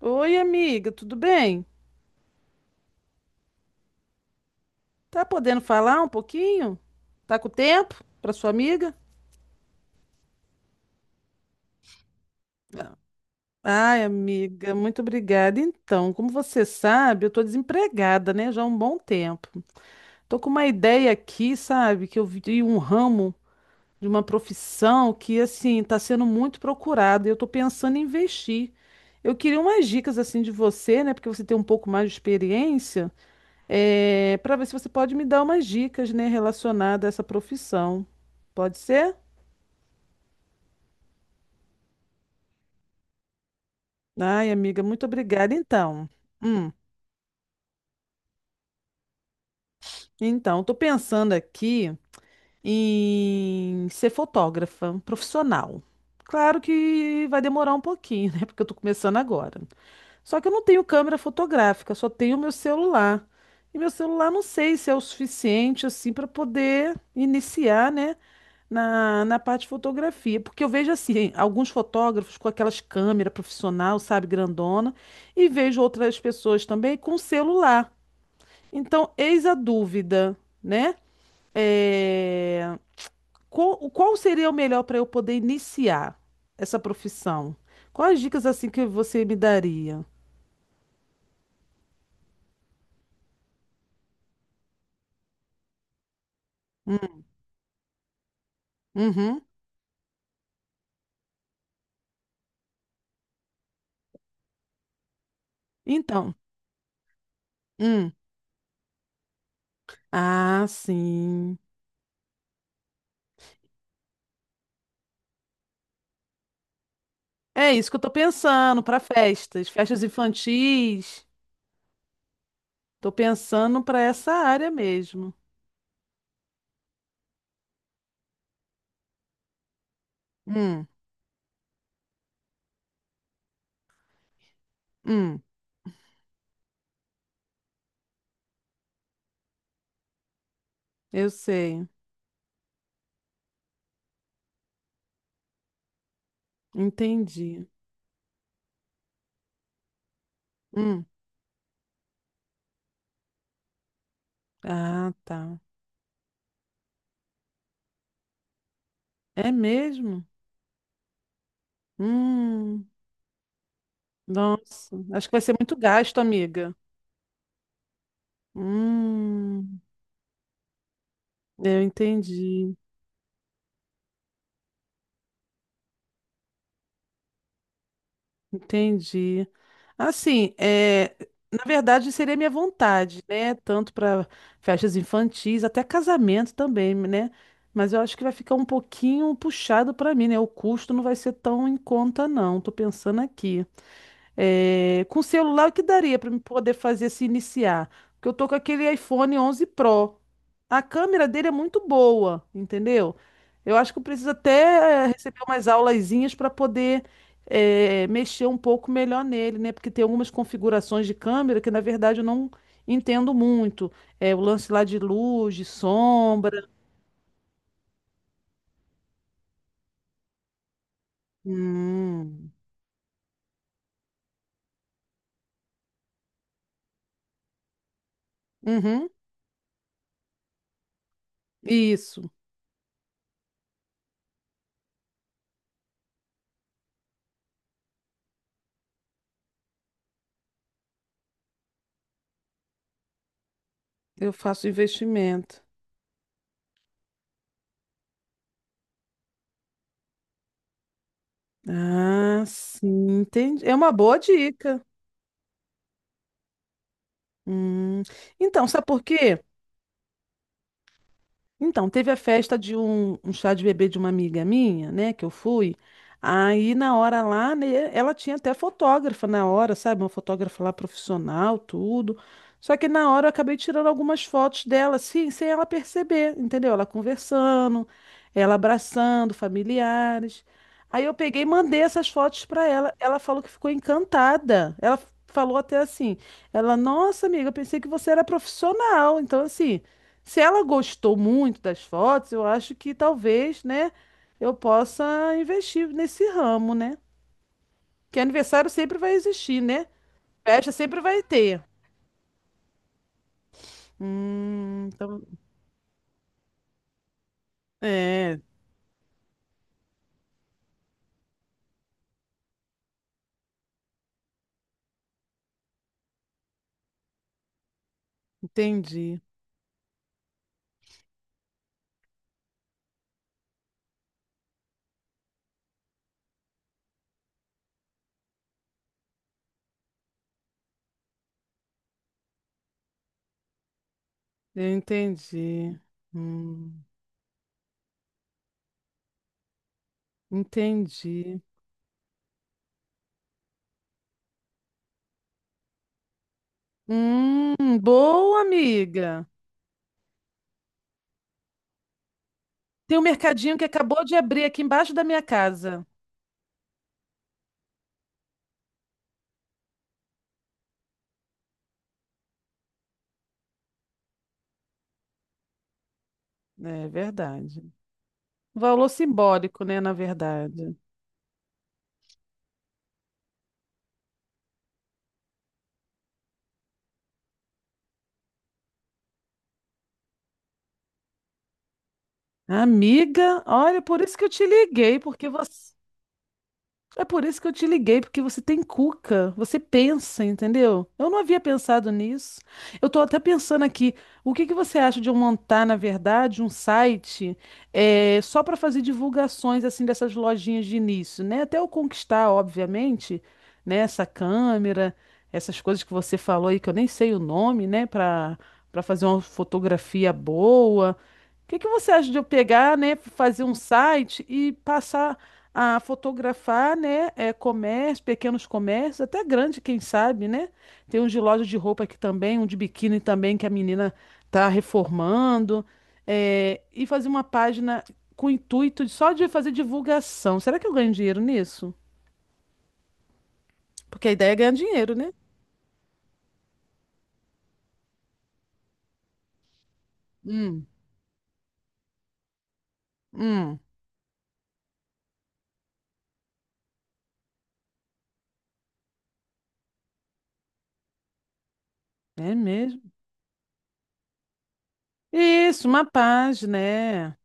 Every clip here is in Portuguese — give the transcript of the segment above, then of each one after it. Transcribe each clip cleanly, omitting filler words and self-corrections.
Oi, amiga, tudo bem? Tá podendo falar um pouquinho? Tá com tempo para sua amiga? Ai, amiga, muito obrigada. Então, como você sabe, eu tô desempregada, né, já há um bom tempo. Tô com uma ideia aqui, sabe, que eu vi um ramo de uma profissão que assim tá sendo muito procurado e eu tô pensando em investir. Eu queria umas dicas assim de você, né, porque você tem um pouco mais de experiência para ver se você pode me dar umas dicas, né, relacionadas a essa profissão. Pode ser? Ai, amiga, muito obrigada. Hum, então, estou pensando aqui em ser fotógrafa profissional. Claro que vai demorar um pouquinho, né? Porque eu estou começando agora. Só que eu não tenho câmera fotográfica, só tenho meu celular. E meu celular não sei se é o suficiente assim para poder iniciar, né? Na parte de fotografia, porque eu vejo assim, alguns fotógrafos com aquelas câmeras profissional, sabe, grandona, e vejo outras pessoas também com celular. Então, eis a dúvida, né? É, qual seria o melhor para eu poder iniciar essa profissão? Quais dicas assim que você me daria? Hum, uhum. Então, hum. Ah, sim. É isso que eu tô pensando para festas, festas infantis. Tô pensando para essa área mesmo. Hum, hum, eu sei. Entendi. Hum, ah, tá. É mesmo? Hum, Nossa. Acho que vai ser muito gasto, amiga. Hum, eu entendi. Entendi. Assim, é, na verdade, seria minha vontade, né? Tanto para festas infantis, até casamento também, né? Mas eu acho que vai ficar um pouquinho puxado para mim, né? O custo não vai ser tão em conta, não. Tô pensando aqui. É, com celular, o que daria para me poder fazer se iniciar? Porque eu tô com aquele iPhone 11 Pro. A câmera dele é muito boa, entendeu? Eu acho que eu preciso até receber umas aulazinhas para poder mexer um pouco melhor nele, né? Porque tem algumas configurações de câmera que, na verdade, eu não entendo muito. É, o lance lá de luz, de sombra. Hum. Uhum. Isso, eu faço investimento. Ah, sim, entendi. É uma boa dica. Hum, Então, sabe por quê? Então, teve a festa de um chá de bebê de uma amiga minha, né, que eu fui. Aí na hora lá, né, ela tinha até fotógrafa na hora, sabe? Uma fotógrafa lá profissional, tudo. Só que na hora eu acabei tirando algumas fotos dela, assim, sem ela perceber, entendeu? Ela conversando, ela abraçando familiares. Aí eu peguei e mandei essas fotos para ela. Ela falou que ficou encantada. Ela falou até assim: ela, nossa, amiga, eu pensei que você era profissional. Então, assim. Se ela gostou muito das fotos, eu acho que talvez, né, eu possa investir nesse ramo, né? Que aniversário sempre vai existir, né? Festa sempre vai ter. Hum, então, é, entendi. Eu entendi. Hum, entendi. Boa, amiga. Tem um mercadinho que acabou de abrir aqui embaixo da minha casa. É verdade. Valor simbólico, né, na verdade. Amiga, olha, por isso que eu te liguei, porque você, é por isso que eu te liguei, porque você tem cuca, você pensa, entendeu? Eu não havia pensado nisso. Eu tô até pensando aqui, o que que você acha de eu montar, na verdade, um site só para fazer divulgações assim dessas lojinhas de início, né? Até eu conquistar, obviamente, né, essa câmera, essas coisas que você falou aí que eu nem sei o nome, né, para fazer uma fotografia boa. O que que você acha de eu pegar, né, fazer um site e passar a fotografar, né, é, comércio, pequenos comércios, até grande, quem sabe, né? Tem um de loja de roupa aqui também, um de biquíni também que a menina tá reformando, é, e fazer uma página com o só de fazer divulgação. Será que eu ganho dinheiro nisso? Porque a ideia é ganhar dinheiro, né? Hum, hum, é mesmo. Isso, uma página, é.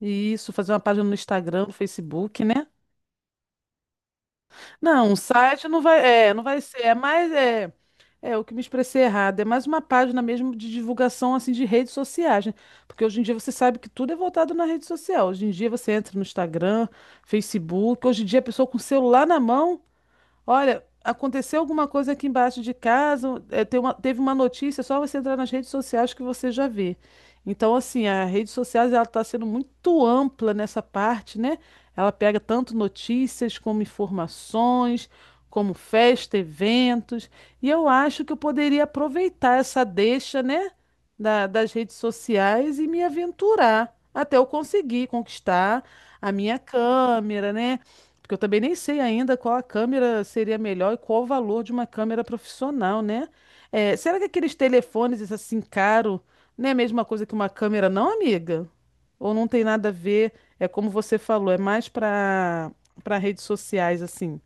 Isso, fazer uma página no Instagram, no Facebook, né? Não, um site não vai, é, não vai ser, é mais, é, é o que me expressei errado, é mais uma página mesmo de divulgação, assim, de redes sociais, né? Porque hoje em dia você sabe que tudo é voltado na rede social, hoje em dia você entra no Instagram, Facebook, hoje em dia a pessoa com o celular na mão, olha, aconteceu alguma coisa aqui embaixo de casa, é, teve uma notícia, é só você entrar nas redes sociais que você já vê. Então, assim, a rede sociais ela está sendo muito ampla nessa parte, né? Ela pega tanto notícias como informações, como festa, eventos. E eu acho que eu poderia aproveitar essa deixa, né, das redes sociais e me aventurar até eu conseguir conquistar a minha câmera, né? Porque eu também nem sei ainda qual a câmera seria melhor e qual o valor de uma câmera profissional, né? É, será que aqueles telefones assim caro não é a mesma coisa que uma câmera, não, amiga? Ou não tem nada a ver? É como você falou, é mais para redes sociais assim.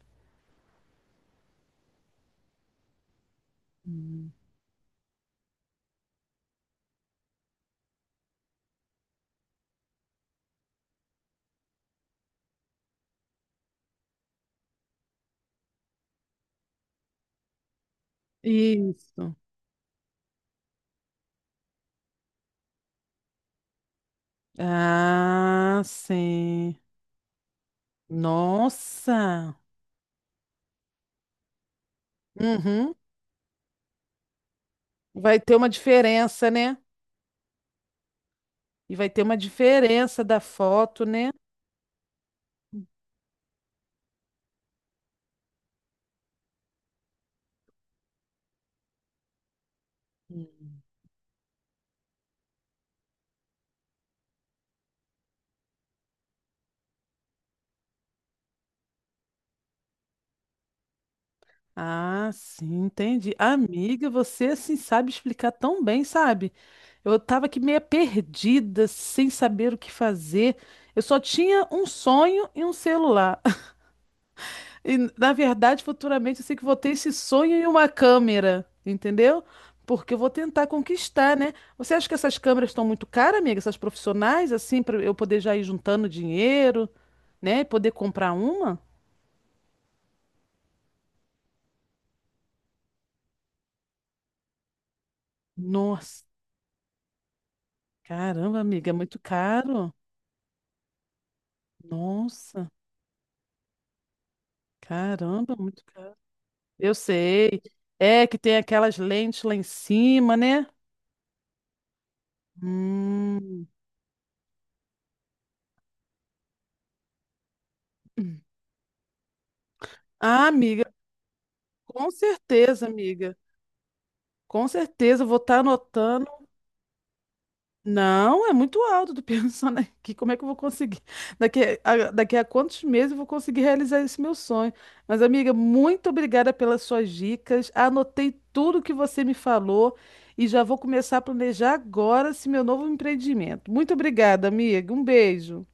Isso. Ah, sim. Nossa. Uhum. Vai ter uma diferença, né? E vai ter uma diferença da foto, né? Ah, sim, entendi. Amiga, você assim sabe explicar tão bem, sabe? Eu tava aqui meio perdida, sem saber o que fazer. Eu só tinha um sonho e um celular. E, na verdade, futuramente eu sei que vou ter esse sonho e uma câmera, entendeu? Porque eu vou tentar conquistar, né? Você acha que essas câmeras estão muito caras, amiga? Essas profissionais, assim, para eu poder já ir juntando dinheiro, né? E poder comprar uma? Nossa, caramba, amiga, é muito caro. Nossa, caramba, muito caro. Eu sei. É que tem aquelas lentes lá em cima, né? Hum. Ah, amiga. Com certeza, eu vou estar anotando. Não, é muito alto. Tô pensando aqui, como é que eu vou conseguir? Daqui a quantos meses eu vou conseguir realizar esse meu sonho? Mas, amiga, muito obrigada pelas suas dicas. Anotei tudo que você me falou e já vou começar a planejar agora esse meu novo empreendimento. Muito obrigada, amiga. Um beijo.